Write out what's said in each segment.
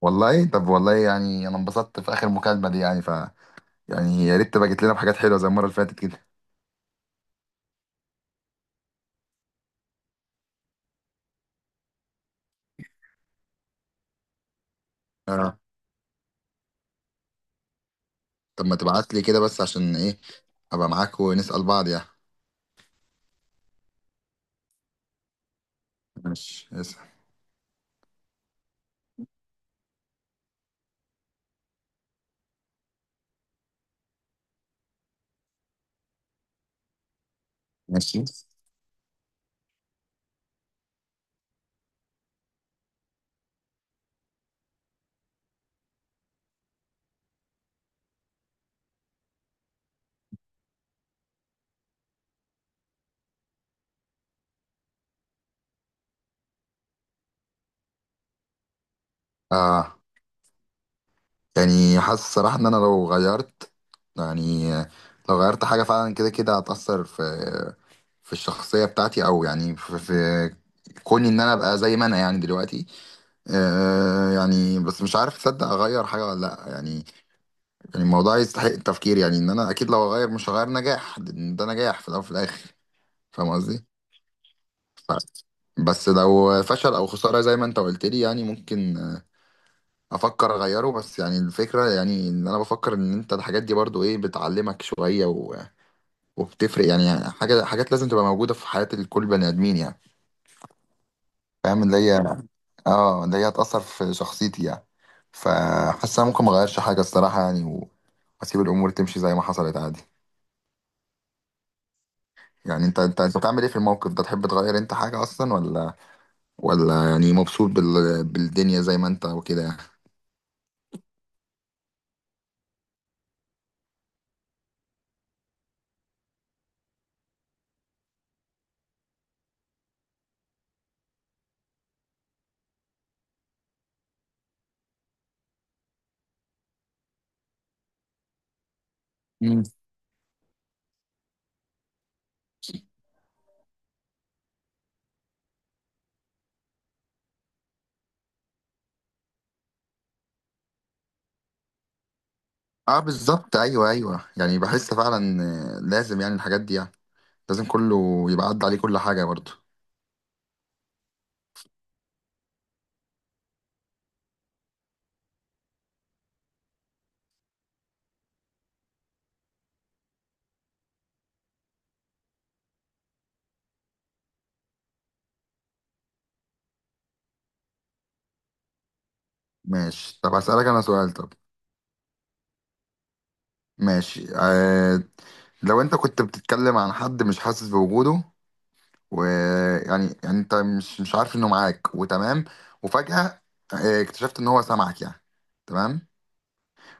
والله طب والله يعني انا انبسطت في اخر مكالمه دي يعني، ف يعني يا ريت تبقى جت لنا بحاجات حلوه زي المره اللي فاتت كده. اه، طب ما تبعت لي كده بس عشان ايه ابقى معاك ونسال بعض يعني. ماشي اسأل. ماشي، اه يعني حاسس الصراحه ان انا لو غيرت، يعني لو غيرت حاجه فعلا كده كده هتاثر في في الشخصيه بتاعتي او يعني في كوني ان انا ابقى زي ما انا يعني دلوقتي. يعني بس مش عارف تصدق اغير حاجه ولا لا يعني. يعني الموضوع يستحق التفكير، يعني ان انا اكيد لو هغير مش هغير نجاح، لأن ده نجاح في الاول وفي الاخر. فاهم قصدي؟ ف- بس لو فشل او خساره زي ما انت قلت لي يعني ممكن افكر اغيره. بس يعني الفكره يعني ان انا بفكر ان انت الحاجات دي برضو ايه بتعلمك شويه وبتفرق يعني حاجه حاجات لازم تبقى موجوده في حياه الكل بني ادمين يعني. فاهم اللي هي، اه اللي هي هتاثر في شخصيتي يعني. فحاسس انا ممكن ما اغيرش حاجه الصراحه يعني واسيب الامور تمشي زي ما حصلت عادي. يعني انت بتعمل ايه في الموقف ده؟ تحب تغير انت حاجة اصلا ولا يعني مبسوط بالدنيا زي ما انت وكده يعني؟ مم. اه بالظبط، ايوه، ايوه، يعني بحس فعلا. لازم يعني الحاجات دي يعني، لازم كله يبقى عدى عليه كل حاجة برضه. ماشي طب هسألك انا سؤال، طب. ماشي، لو انت كنت بتتكلم عن حد مش حاسس بوجوده، ويعني انت مش عارف انه معاك وتمام، وفجأة اكتشفت ان هو سامعك يعني. تمام.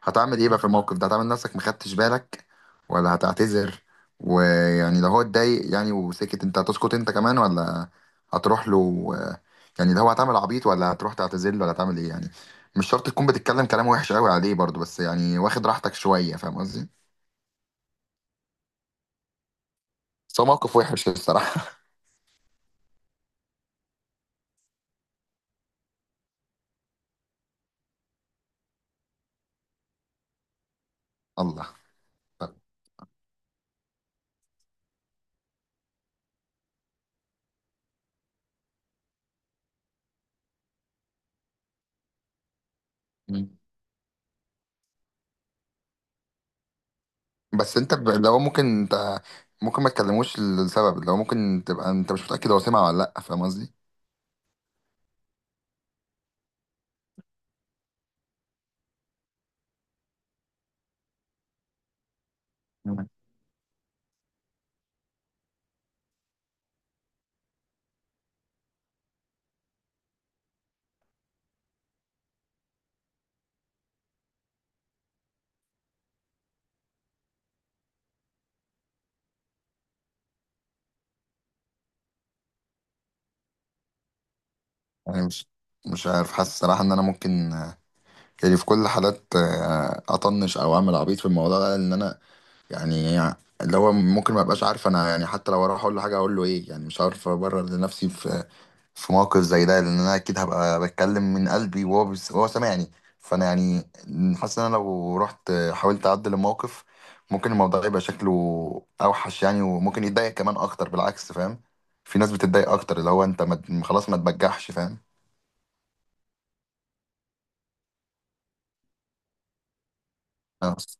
هتعمل ايه بقى في الموقف ده؟ هتعمل نفسك مخدتش بالك، ولا هتعتذر؟ ويعني لو هو اتضايق يعني وسكت، انت هتسكت انت كمان، ولا هتروح له يعني لو هو هتعمل عبيط ولا هتروح تعتذر له ولا هتعمل ايه يعني؟ مش شرط تكون بتتكلم كلام وحش قوي عليه برضه، بس يعني واخد راحتك شوية، فاهم قصدي؟ بس هو موقف وحش الصراحة. الله طب. مم. بس انت لو ممكن انت، ممكن ما تكلموش لسبب، لو ممكن تبقى انت مش متأكد هو سمع ولا لا، فاهم قصدي؟ مم. يعني مش عارف، حاسس صراحة ان انا ممكن يعني في كل الحالات اطنش او اعمل عبيط في الموضوع ده، لان انا يعني اللي هو ممكن ما ابقاش عارف انا يعني. حتى لو اروح اقول له حاجه، اقول له ايه يعني؟ مش عارف ابرر لنفسي في في موقف زي ده لان انا اكيد هبقى بتكلم من قلبي وهو بس وهو سامعني. فانا يعني حاسس ان انا لو رحت حاولت اعدل الموقف، ممكن الموضوع يبقى شكله اوحش يعني، وممكن يتضايق كمان اكتر بالعكس، فاهم؟ في ناس بتتضايق اكتر اللي هو انت ما خلاص ما تبجحش، فاهم؟ خلاص.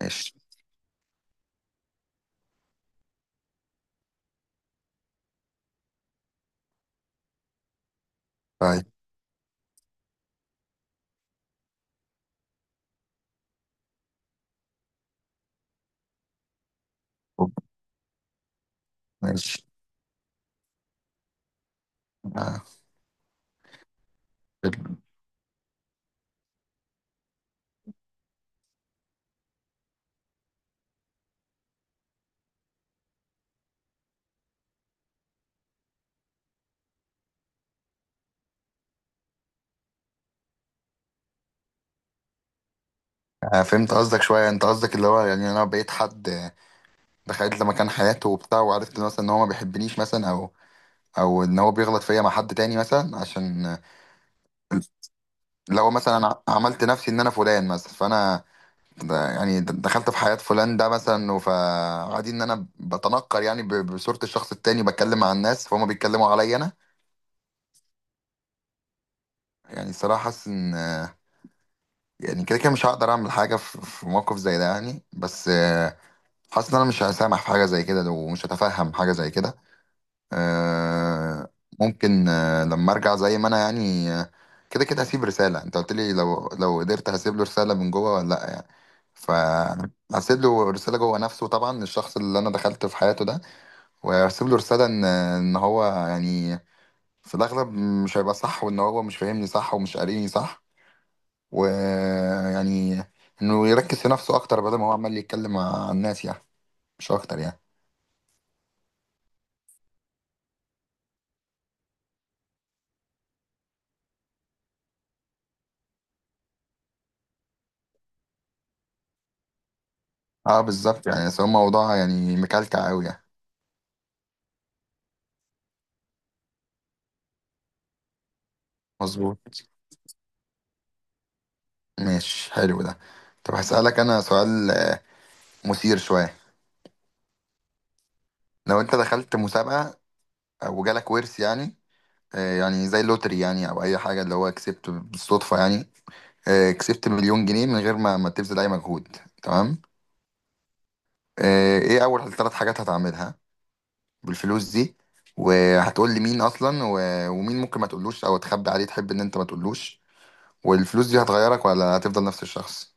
ماشي طيب. ماشي آه. أنا فهمت قصدك شوية. أنت قصدك اللي هو يعني أنا بقيت حد، دخلت مكان حياته وبتاع وعرفت مثلا إن هو ما بيحبنيش مثلا، أو أو إن هو بيغلط فيا مع حد تاني مثلا عشان لو مثلا أنا عملت نفسي إن أنا فلان مثلا، فأنا ده يعني دخلت في حياة فلان ده مثلا. فعادي إن أنا بتنكر يعني بصورة الشخص التاني بتكلم مع الناس، فهم بيتكلموا عليا أنا. يعني الصراحة حاسس إن يعني كده كده مش هقدر أعمل حاجة في موقف زي ده يعني، بس حاسس إن أنا مش هسامح في حاجة زي كده ومش هتفهم حاجة زي كده. آه. ممكن لما ارجع زي ما انا يعني، كده كده هسيب رسالة. انت قلت لي لو قدرت هسيب له رسالة من جوه ولا لا يعني. فهسيب له رسالة جوه نفسه، طبعا، الشخص اللي انا دخلت في حياته ده، وهسيب له رسالة ان هو يعني في الاغلب مش هيبقى صح، وان هو مش فاهمني صح ومش قاريني صح. ويعني انه يركز في نفسه اكتر بدل ما هو عمال يتكلم مع الناس يعني. مش اكتر يعني. اه بالظبط يعني، بس هو موضوع يعني مكلكع قوي يعني. مظبوط. ماشي حلو ده. طب هسألك أنا سؤال مثير شوية. لو أنت دخلت مسابقة وجالك ورث يعني، يعني زي اللوتري يعني أو أي حاجة اللي هو كسبت بالصدفة يعني. كسبت مليون جنيه من غير ما تبذل أي مجهود. تمام. إيه أول ثلاث حاجات هتعملها بالفلوس دي؟ وهتقول لي مين أصلا، ومين ممكن ما تقولوش أو تخبي عليه، تحب إن أنت ما تقولوش؟ والفلوس دي هتغيرك ولا هتفضل نفس الشخص؟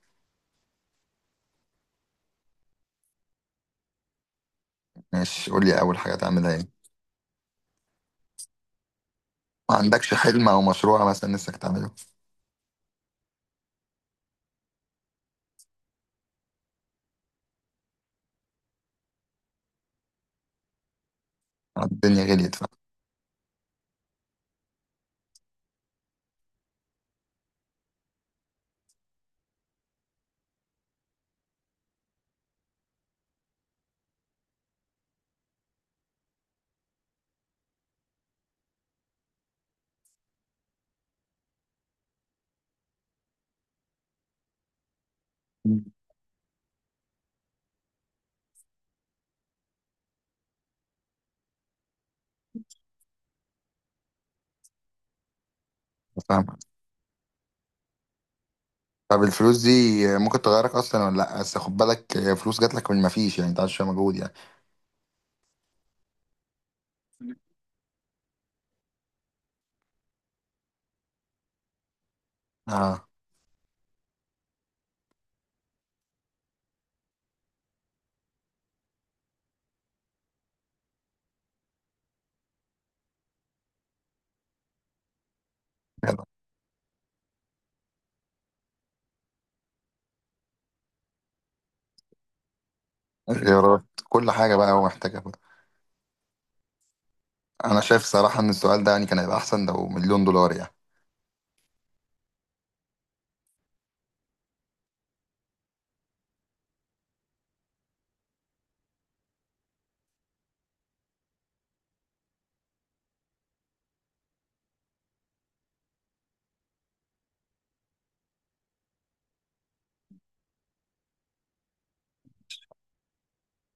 ماشي قول لي أول حاجة تعملها إيه. ما عندكش حلم أو مشروع مثلا نفسك تعمله؟ الدنيا غليت، فاهم. فاهم. طب الفلوس دي ممكن تغيرك اصلا ولا لا؟ بس خد بالك فلوس جات لك من ما فيش يعني، انت عايز شويه مجهود يعني. اه غيرات كل حاجه بقى هو محتاجها بقى. انا شايف صراحه ان السؤال ده يعني كان هيبقى احسن لو مليون دولار يعني.